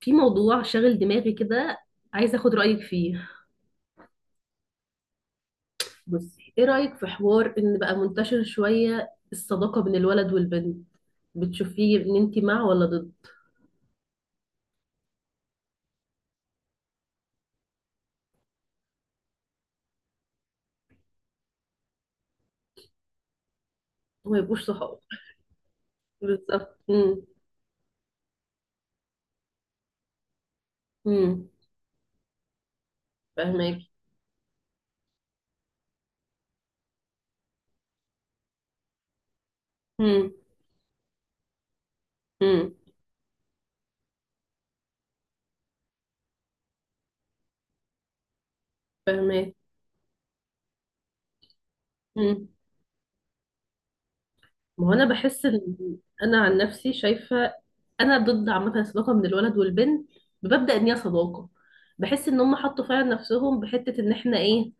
في موضوع شاغل دماغي كده، عايزة اخد رأيك فيه. بصي، ايه رأيك في حوار ان بقى منتشر شوية الصداقة بين الولد والبنت؟ بتشوفيه ان انتي مع ولا ضد؟ وما يبقوش صحاب. بالظبط. امم. امم. فاهماكي. امم. امم. فاهماكي. امم. ما هو انا بحس ان. انا عن نفسي شايفة. انا ضد عامة الصداقة من الولد والبنت، بمبدأ ان هي صداقة. بحس ان هم حطوا فعلا نفسهم بحتة ان احنا ايه،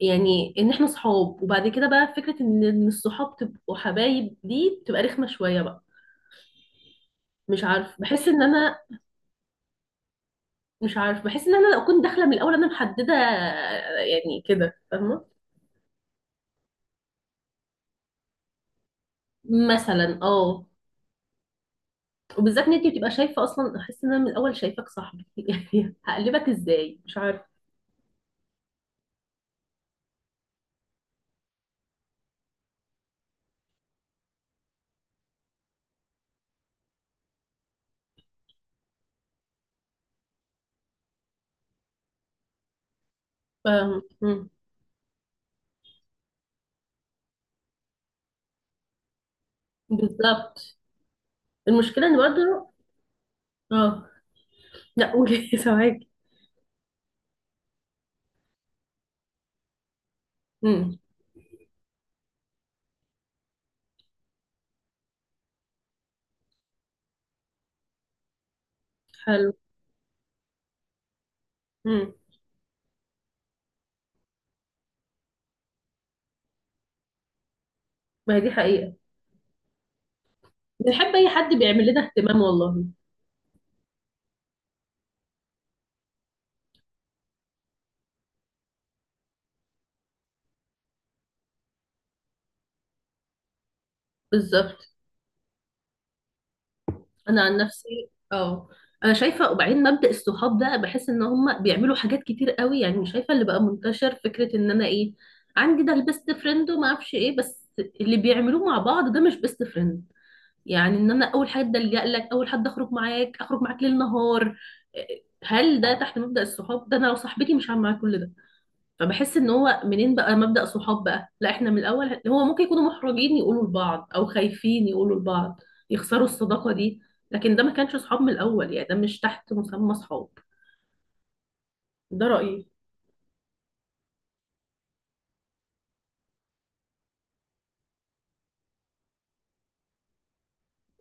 يعني ان احنا صحاب. وبعد كده بقى فكرة ان الصحاب تبقوا حبايب دي بتبقى رخمة شوية بقى. مش عارف، بحس ان انا. مش عارف، بحس ان انا لو كنت داخلة من الاول انا محددة، يعني كده، فاهمة؟ مثلا، اه. وبالذات ان انت بتبقى شايفة اصلا، احس ان انا من الاول شايفاك صاحبي، يعني هقلبك ازاي؟ مش عارف. فاهم. مم. بالظبط. المشكلة ان برضه. اه. لا، قولي. سامعاكي. امم. حلو. امم. ما هي دي حقيقة. بنحب اي حد بيعمل لنا اهتمام، والله. بالظبط. انا عن نفسي، اه. انا شايفه، وبعدين مبدأ الصحاب ده بحس ان هم بيعملوا حاجات كتير قوي، يعني شايفه اللي بقى منتشر فكره ان انا ايه. عندي ده البيست فريند وما اعرفش ايه، بس اللي بيعملوه مع بعض ده مش بيست فريند. يعني ان انا اول حد الجأ لك، اول حد اخرج معاك، اخرج معاك ليل نهار. آه، هل ده تحت مبدأ الصحاب ده؟ انا لو صاحبتي مش هعمل معاك كل ده. فبحس ان هو منين بقى مبدأ صحاب بقى، لا احنا من الاول، هو ممكن يكونوا محرجين يقولوا لبعض، او خايفين يقولوا لبعض يخسروا الصداقة دي. لكن ده ما كانش صحاب من الاول، يعني ده مش تحت مسمى صحاب. ده رأيي.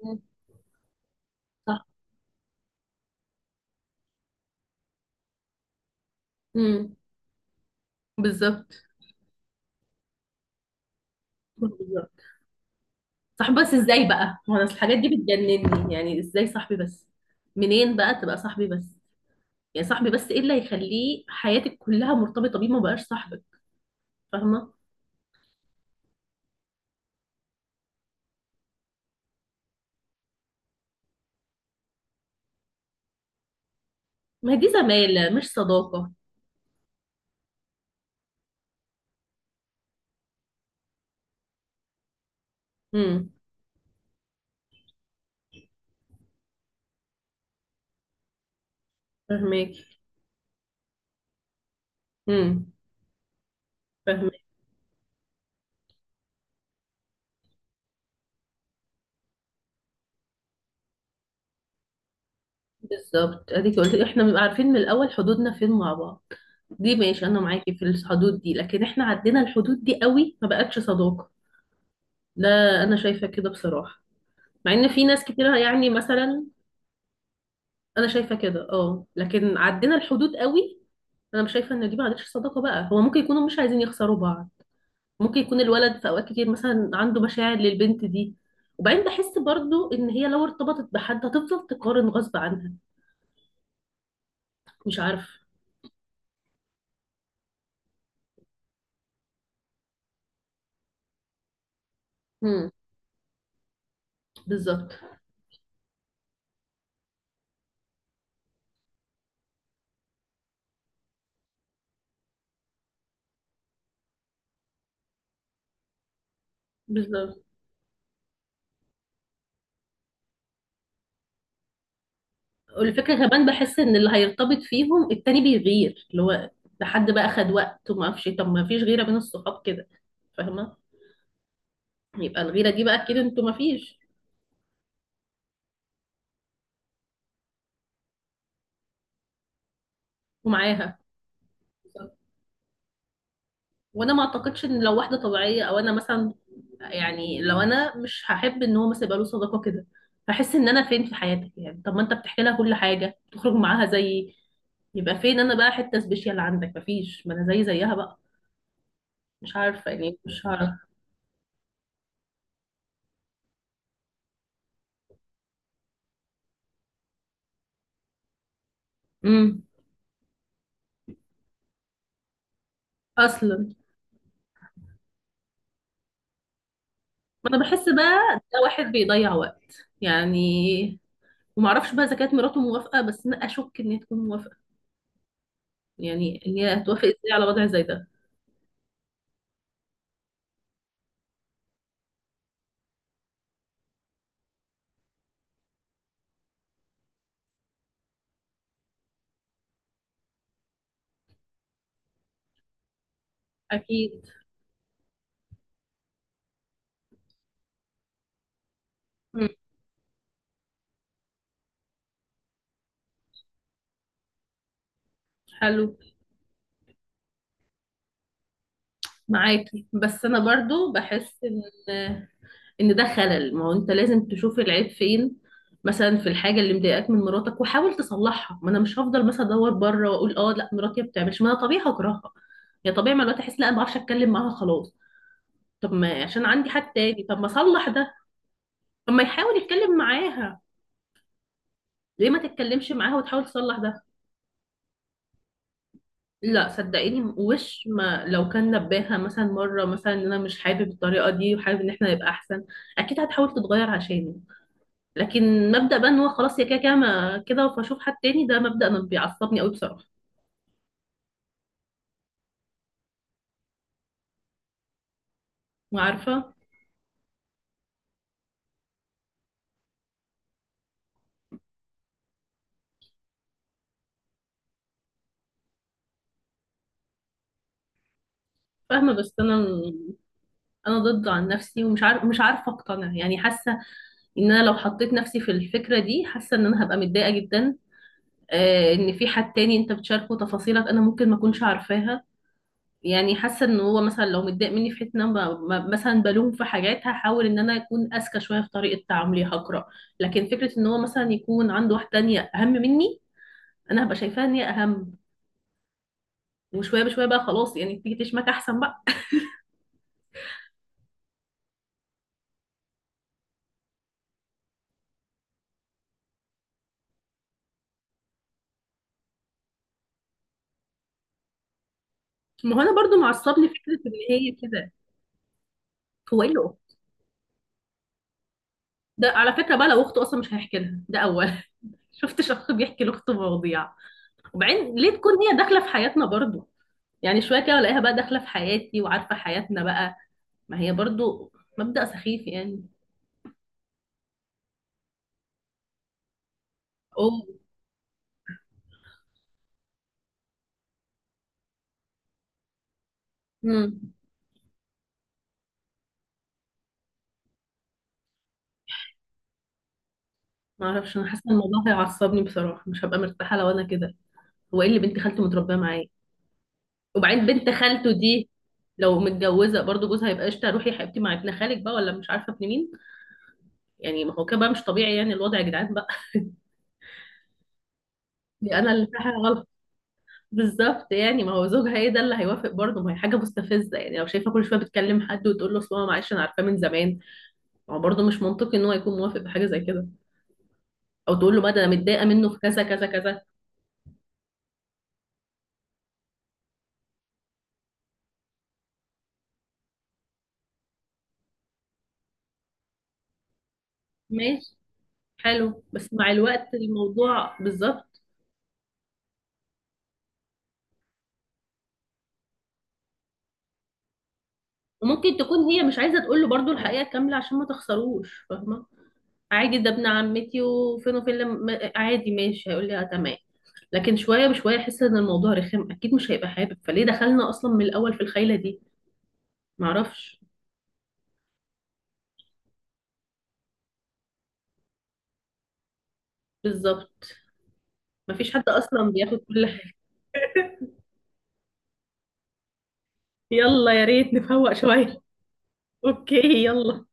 مم. صح. امم. بالظبط، بالظبط. صح، بس ازاي بقى؟ ما انا الحاجات دي بتجنني، يعني ازاي صاحبي بس؟ منين بقى تبقى صاحبي بس؟ يعني صاحبي بس، ايه اللي هيخليه حياتك كلها مرتبطة بيه؟ ما بقاش صاحبك، فاهمة؟ ما هي دي زمالة مش صداقة. امم. فاهمك. امم. فاهمين. بالظبط، اديك قلت احنا بنبقى عارفين من الاول حدودنا فين مع بعض. دي ماشي، انا معاكي في الحدود دي، لكن احنا عدينا الحدود دي قوي، ما بقتش صداقة. ده. انا شايفة كده بصراحة. مع ان في ناس كتير، يعني مثلا. انا شايفة كده، اه، لكن عدينا الحدود قوي. انا مش شايفة ان دي ما عادتش صداقة بقى، هو ممكن يكونوا مش عايزين يخسروا بعض. ممكن يكون الولد في اوقات كتير مثلا عنده مشاعر للبنت دي. وبعدين بحس برضو ان هي لو ارتبطت بحد هتفضل تقارن غصب عنها. مش عارفة. امم. بالظبط. بالظبط. والفكرة كمان بحس ان اللي هيرتبط فيهم التاني بيغير، اللي هو ده حد بقى خد وقت وما اعرفش إيه. طب ما فيش غيرة بين الصحاب كده؟ فاهمة؟ يبقى الغيرة دي بقى اكيد انتوا ما فيش. ومعاها. بالظبط. وانا ما اعتقدش ان لو واحدة طبيعية، او انا مثلا، يعني لو انا مش هحب ان هو مثلا يبقى له صداقة كده، هحس ان انا فين في حياتك؟ يعني طب ما انت بتحكي لها كل حاجة، بتخرج معاها زي، يبقى فين انا بقى حتة سبيشال عندك؟ مفيش، ما انا زي زيها بقى. مش عارفة، يعني مش هعرف. امم. اصلا. ما انا بحس بقى ده واحد بيضيع وقت، يعني. وما اعرفش بقى اذا كانت مراته موافقه، بس انا اشك ان هي تكون موافقه. يعني ان هي هتوافق ازاي على وضع زي ده؟ اكيد. مم. حلو. معاكي، بس انا برضو بحس ان ده خلل، ما هو انت لازم تشوف العيب فين، مثلا في الحاجه اللي مضايقاك من مراتك وحاول تصلحها. ما انا مش هفضل مثلا ادور بره واقول اه لا مراتي ما بتعملش، ما انا طبيعي هكرهها، يا طبيعي مع الوقت احس لا ما بعرفش اتكلم معاها خلاص. طب ما عشان عندي حد تاني، طب ما اصلح ده. طب ما يحاول يتكلم معاها، ليه ما تتكلمش معاها وتحاول تصلح ده؟ لا صدقيني وش، ما لو كان نباها مثلا مره، مثلا ان انا مش حابب الطريقه دي وحابب ان احنا نبقى احسن، اكيد هتحاول تتغير عشاني. لكن مبدا بقى ان هو خلاص يا كده كده، كده فاشوف حد تاني، ده مبدا انا بيعصبني قوي بصراحه. وعارفه. فاهمه، بس انا. انا ضد عن نفسي، ومش عارف مش عارفه اقتنع، يعني حاسه ان انا لو حطيت نفسي في الفكره دي، حاسه ان انا هبقى متضايقه جدا. ان في حد تاني انت بتشاركه تفاصيلك انا ممكن ما اكونش عارفاها. يعني حاسه ان هو مثلا لو متضايق مني في حته، ان انا مثلا بلوم في حاجات، هحاول ان انا اكون اذكى شويه في طريقه تعاملي، هقرا. لكن فكره ان هو مثلا يكون عنده واحده تانية اهم مني، انا هبقى شايفاها ان هي اهم، وشويه بشويه بقى خلاص، يعني تيجي تشمك احسن بقى. ما هو انا برضو معصبني فكره ان هي كده. هو ايه اللي أخت- ده على فكره بقى، لو اخته اصلا مش هيحكي لها ده اول. شفت شخص بيحكي لاخته مواضيع؟ وبعدين ليه تكون هي داخله في حياتنا برضو؟ يعني شويه كده الاقيها بقى داخله في حياتي وعارفه حياتنا بقى. ما هي برضو مبدأ سخيف يعني. او. امم. ما اعرفش، انا حاسه إن الموضوع هيعصبني بصراحه، مش هبقى مرتاحه لو انا كده. هو ايه اللي بنت خالته متربيه معاه؟ وبعدين بنت خالته دي، لو متجوزه برضو، جوزها هيبقى قشطه؟ روحي يا حبيبتي مع ابن خالك بقى، ولا مش عارفه ابن مين. يعني ما هو كده بقى مش طبيعي، يعني الوضع يا جدعان بقى. دي انا اللي في حاجه غلط. بالظبط، يعني ما هو زوجها ايه ده اللي هيوافق برضه؟ ما هي حاجه مستفزه يعني، لو شايفه كل شويه بتكلم حد وتقول له اصل هو معلش انا عارفاه من زمان. ما هو برضه مش منطقي ان هو يكون موافق بحاجه زي كده، او تقول له بقى ده انا متضايقه منه في كذا كذا كذا. ماشي. حلو، بس مع الوقت الموضوع بالظبط. وممكن تكون هي مش عايزه تقول له برضو الحقيقه كامله عشان ما تخسروش، فاهمه؟ عادي ده ابن عمتي وفين وفين، لما عادي ماشي هيقول لي اه تمام. لكن شويه بشويه يحس ان الموضوع رخم، اكيد مش هيبقى حابب، فليه دخلنا اصلا من الاول في الخيله دي؟ معرفش. بالظبط. مفيش حد اصلا بياخد كل حاجه. يلا، يا ريت نفوق شويه. اوكي. يلا.